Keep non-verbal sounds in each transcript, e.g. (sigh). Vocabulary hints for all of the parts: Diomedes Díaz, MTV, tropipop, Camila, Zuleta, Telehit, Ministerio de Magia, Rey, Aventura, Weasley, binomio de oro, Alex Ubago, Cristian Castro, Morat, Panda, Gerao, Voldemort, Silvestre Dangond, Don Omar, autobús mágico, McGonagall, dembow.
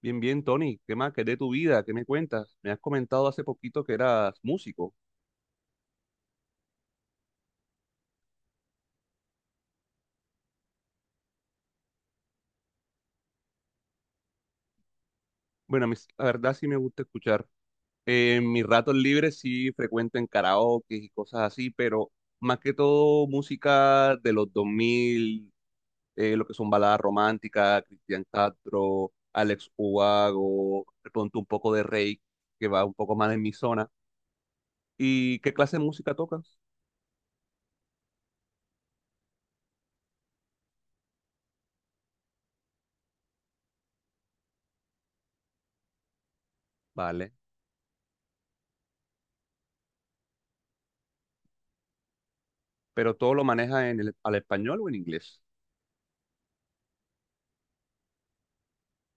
Bien, bien, Tony. ¿Qué más? ¿Qué es de tu vida? ¿Qué me cuentas? Me has comentado hace poquito que eras músico. Bueno, a mí, la verdad sí me gusta escuchar. En mis ratos libres sí frecuento en karaoke y cosas así, pero más que todo música de los 2000, lo que son baladas románticas, Cristian Castro, Alex Ubago, de pronto un poco de Rey, que va un poco más en mi zona. ¿Y qué clase de música tocas? Vale. ¿Pero todo lo manejas al español o en inglés?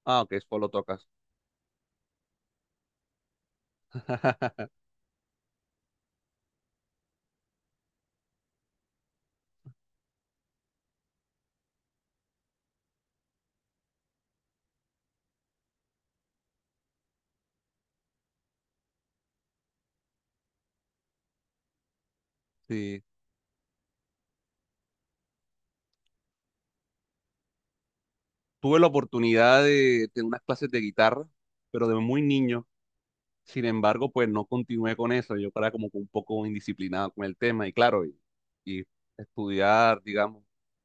Ah, ok, solo tocas. (laughs) Sí. Tuve la oportunidad de tener unas clases de guitarra, pero de muy niño. Sin embargo, pues no continué con eso. Yo era como que un poco indisciplinado con el tema y claro, y estudiar, digamos,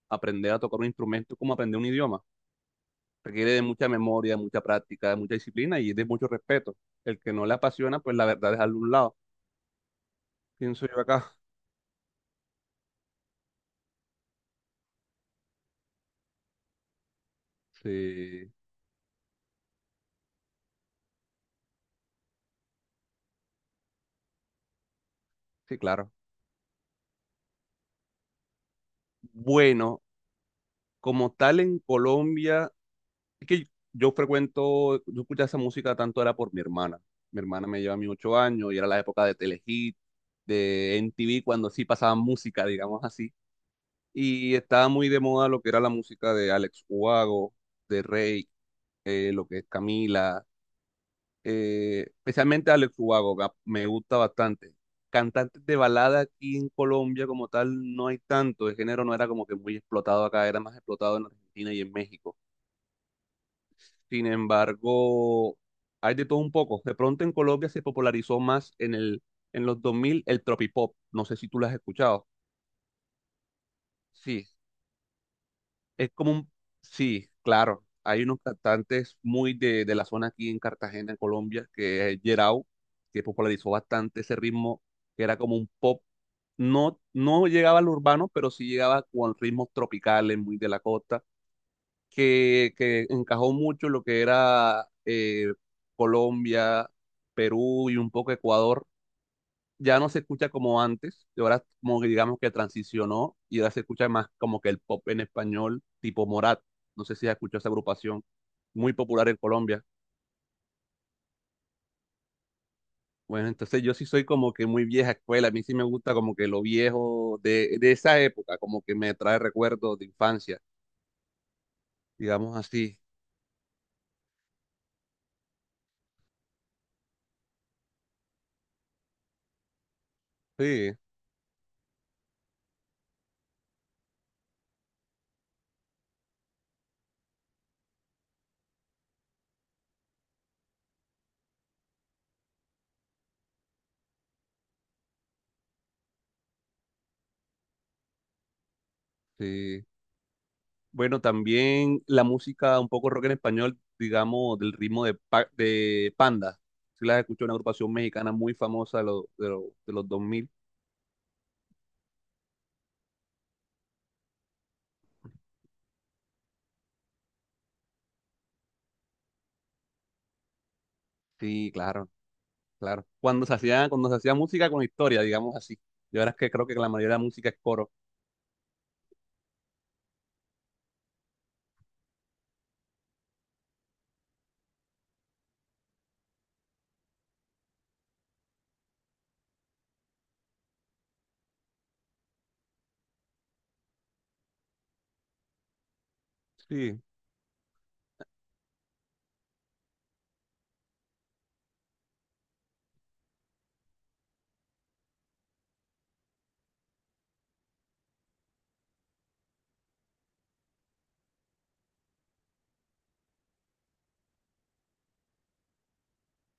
aprender a tocar un instrumento es como aprender un idioma. Requiere de mucha memoria, de mucha práctica, de mucha disciplina y de mucho respeto. El que no le apasiona, pues la verdad es a un lado. Pienso yo acá. Sí, sí, claro. Bueno, como tal en Colombia... Es que yo escuchaba esa música tanto era por mi hermana. Mi hermana me lleva a mí 8 años y era la época de Telehit, de MTV, cuando sí pasaban música, digamos así. Y estaba muy de moda lo que era la música de Alex Ubago, de Rey, lo que es Camila, especialmente Alex Ubago, me gusta bastante. Cantantes de balada aquí en Colombia como tal no hay tanto, el género no era como que muy explotado acá, era más explotado en Argentina y en México. Sin embargo, hay de todo un poco. De pronto en Colombia se popularizó más en los 2000 el tropipop. ¿No sé si tú lo has escuchado? Sí, es como un... Sí, claro. Hay unos cantantes muy de la zona aquí en Cartagena, en Colombia, que es Gerao, que popularizó bastante ese ritmo, que era como un pop. No, no llegaba al urbano, pero sí llegaba con ritmos tropicales, muy de la costa, que encajó mucho lo que era Colombia, Perú y un poco Ecuador. Ya no se escucha como antes, y ahora como que digamos que transicionó y ahora se escucha más como que el pop en español tipo Morat. No sé si has escuchado esa agrupación, muy popular en Colombia. Bueno, entonces yo sí soy como que muy vieja escuela, a mí sí me gusta como que lo viejo de esa época, como que me trae recuerdos de infancia, digamos así. Sí, sí. Bueno, también la música un poco rock en español, digamos, del ritmo de Panda. ¿Si las escucho, una agrupación mexicana muy famosa los de los 2000? Sí, claro, claro. Cuando se hacía música con historia, digamos así. Y ahora es que creo que la mayoría de la música es coro. Sí,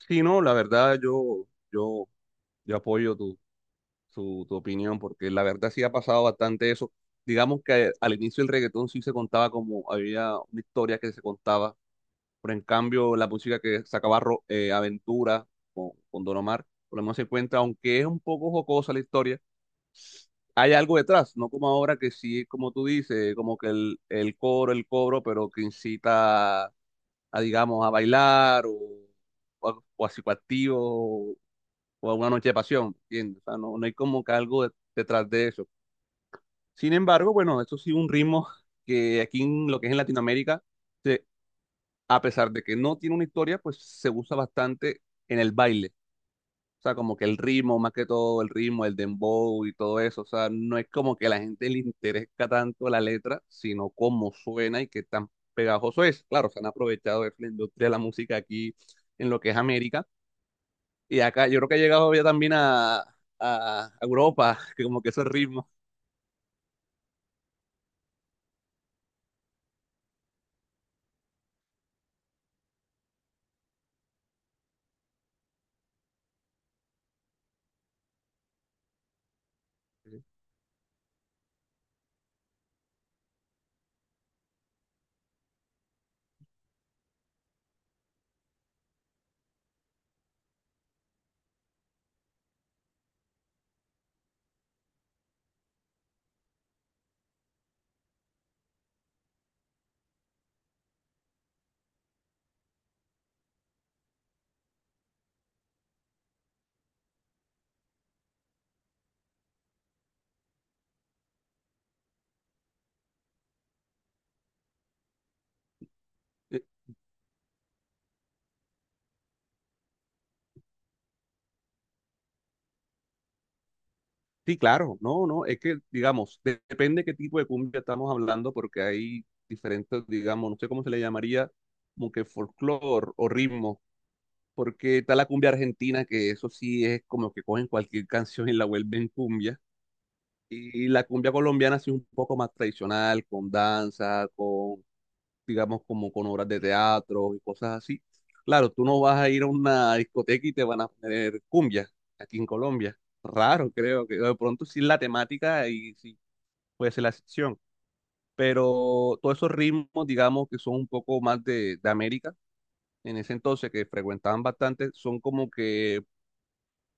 sí, no, la verdad yo, yo apoyo tu opinión porque la verdad sí ha pasado bastante eso. Digamos que al inicio el reggaetón sí se contaba como había una historia que se contaba. Pero en cambio, la música que sacaba Aventura con Don Omar, por lo menos se encuentra, aunque es un poco jocosa la historia, hay algo detrás, no como ahora que sí, como tú dices, como que el coro, el cobro, pero que incita a, digamos, a bailar o a psicoactivo o a una noche de pasión, ¿entiendes? O sea, no, no hay como que algo detrás de eso. Sin embargo, bueno, eso sí un ritmo que aquí en lo que es en Latinoamérica, se- a pesar de que no tiene una historia, pues se usa bastante en el baile. O sea, como que el ritmo, más que todo el ritmo, el dembow y todo eso. O sea, no es como que a la gente le interesa tanto la letra, sino cómo suena y qué tan pegajoso es. Claro, se han aprovechado de la industria de la música aquí en lo que es América. Y acá yo creo que ha llegado ya también a Europa, (laughs) que como que esos ritmos. Sí, claro, no, no, es que, digamos, depende qué tipo de cumbia estamos hablando, porque hay diferentes, digamos, no sé cómo se le llamaría, como que folclore o ritmo, porque está la cumbia argentina, que eso sí es como que cogen cualquier (laughs) canción y la vuelven cumbia, y la cumbia colombiana sí es un poco más tradicional, con danza, con, digamos, como con obras de teatro y cosas así. Claro, tú no vas a ir a una discoteca y te van a poner cumbia aquí en Colombia. Raro, creo que de pronto sí es la temática y sí puede ser la excepción. Pero todos esos ritmos, digamos, que son un poco más de América, en ese entonces que frecuentaban bastante, son como que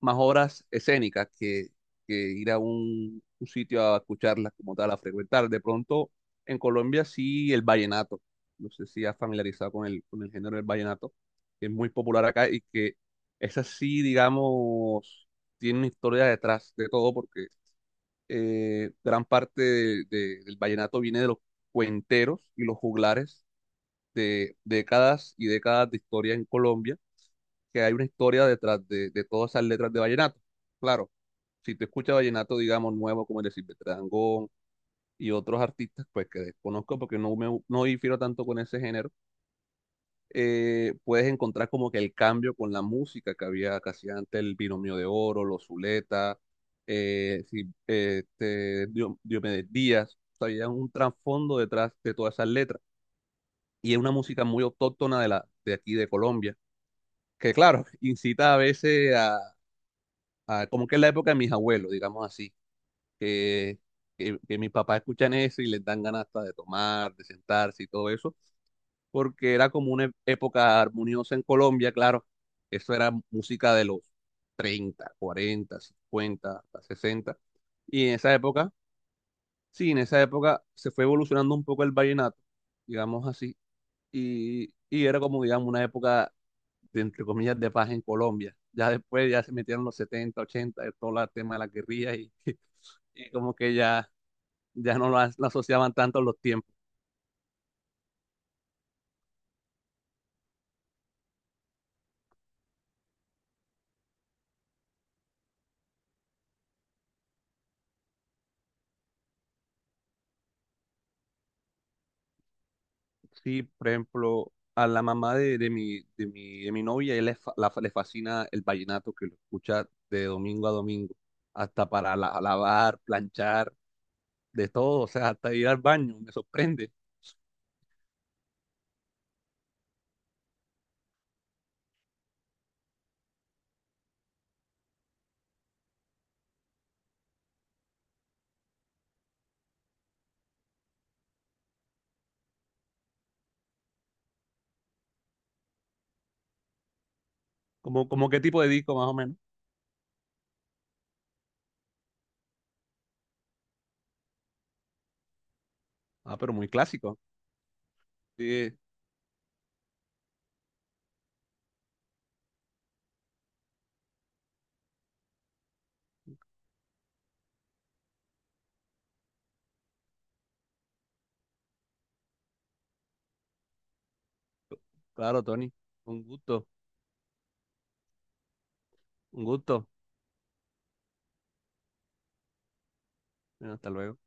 más obras escénicas que ir a un sitio a escucharlas como tal, a frecuentar. De pronto, en Colombia sí el vallenato. No sé si has familiarizado con el género del vallenato, que es muy popular acá y que esa sí, digamos, tiene una historia detrás de todo porque gran parte del vallenato viene de los cuenteros y los juglares de décadas y décadas de historia en Colombia, que hay una historia detrás de todas esas letras de vallenato. Claro, si tú escuchas vallenato, digamos, nuevo como el de Silvestre Dangond y otros artistas, pues que desconozco porque no difiero tanto con ese género, puedes encontrar como que el cambio con la música que había casi antes, el binomio de oro, los Zuleta, este, Diomedes Díaz, o sea, había un trasfondo detrás de todas esas letras. Y es una música muy autóctona de aquí, de Colombia, que claro, (laughs) incita a veces a, como que es la época de mis abuelos, digamos así, que, que mis papás escuchan eso y les dan ganas hasta de tomar, de sentarse y todo eso, porque era como una época armoniosa en Colombia, claro, eso era música de los 30 40 50 hasta 60, y en esa época, sí, en esa época se fue evolucionando un poco el vallenato, digamos así, y era como, digamos, una época de, entre comillas, de paz en Colombia. Ya después ya se metieron los 70 80 de todo el tema de las guerrillas y, (laughs) y como que ya ya no lo asociaban tanto a los tiempos. Sí, por ejemplo, a la mamá de mi novia, él le, fa- la- le fascina el vallenato que lo escucha de domingo a domingo, hasta para lavar, planchar, de todo, o sea, hasta ir al baño, me sorprende. Como qué tipo de disco más o menos? Ah, pero muy clásico. Sí, claro, Tony. Un gusto, un gusto. Bueno, hasta luego.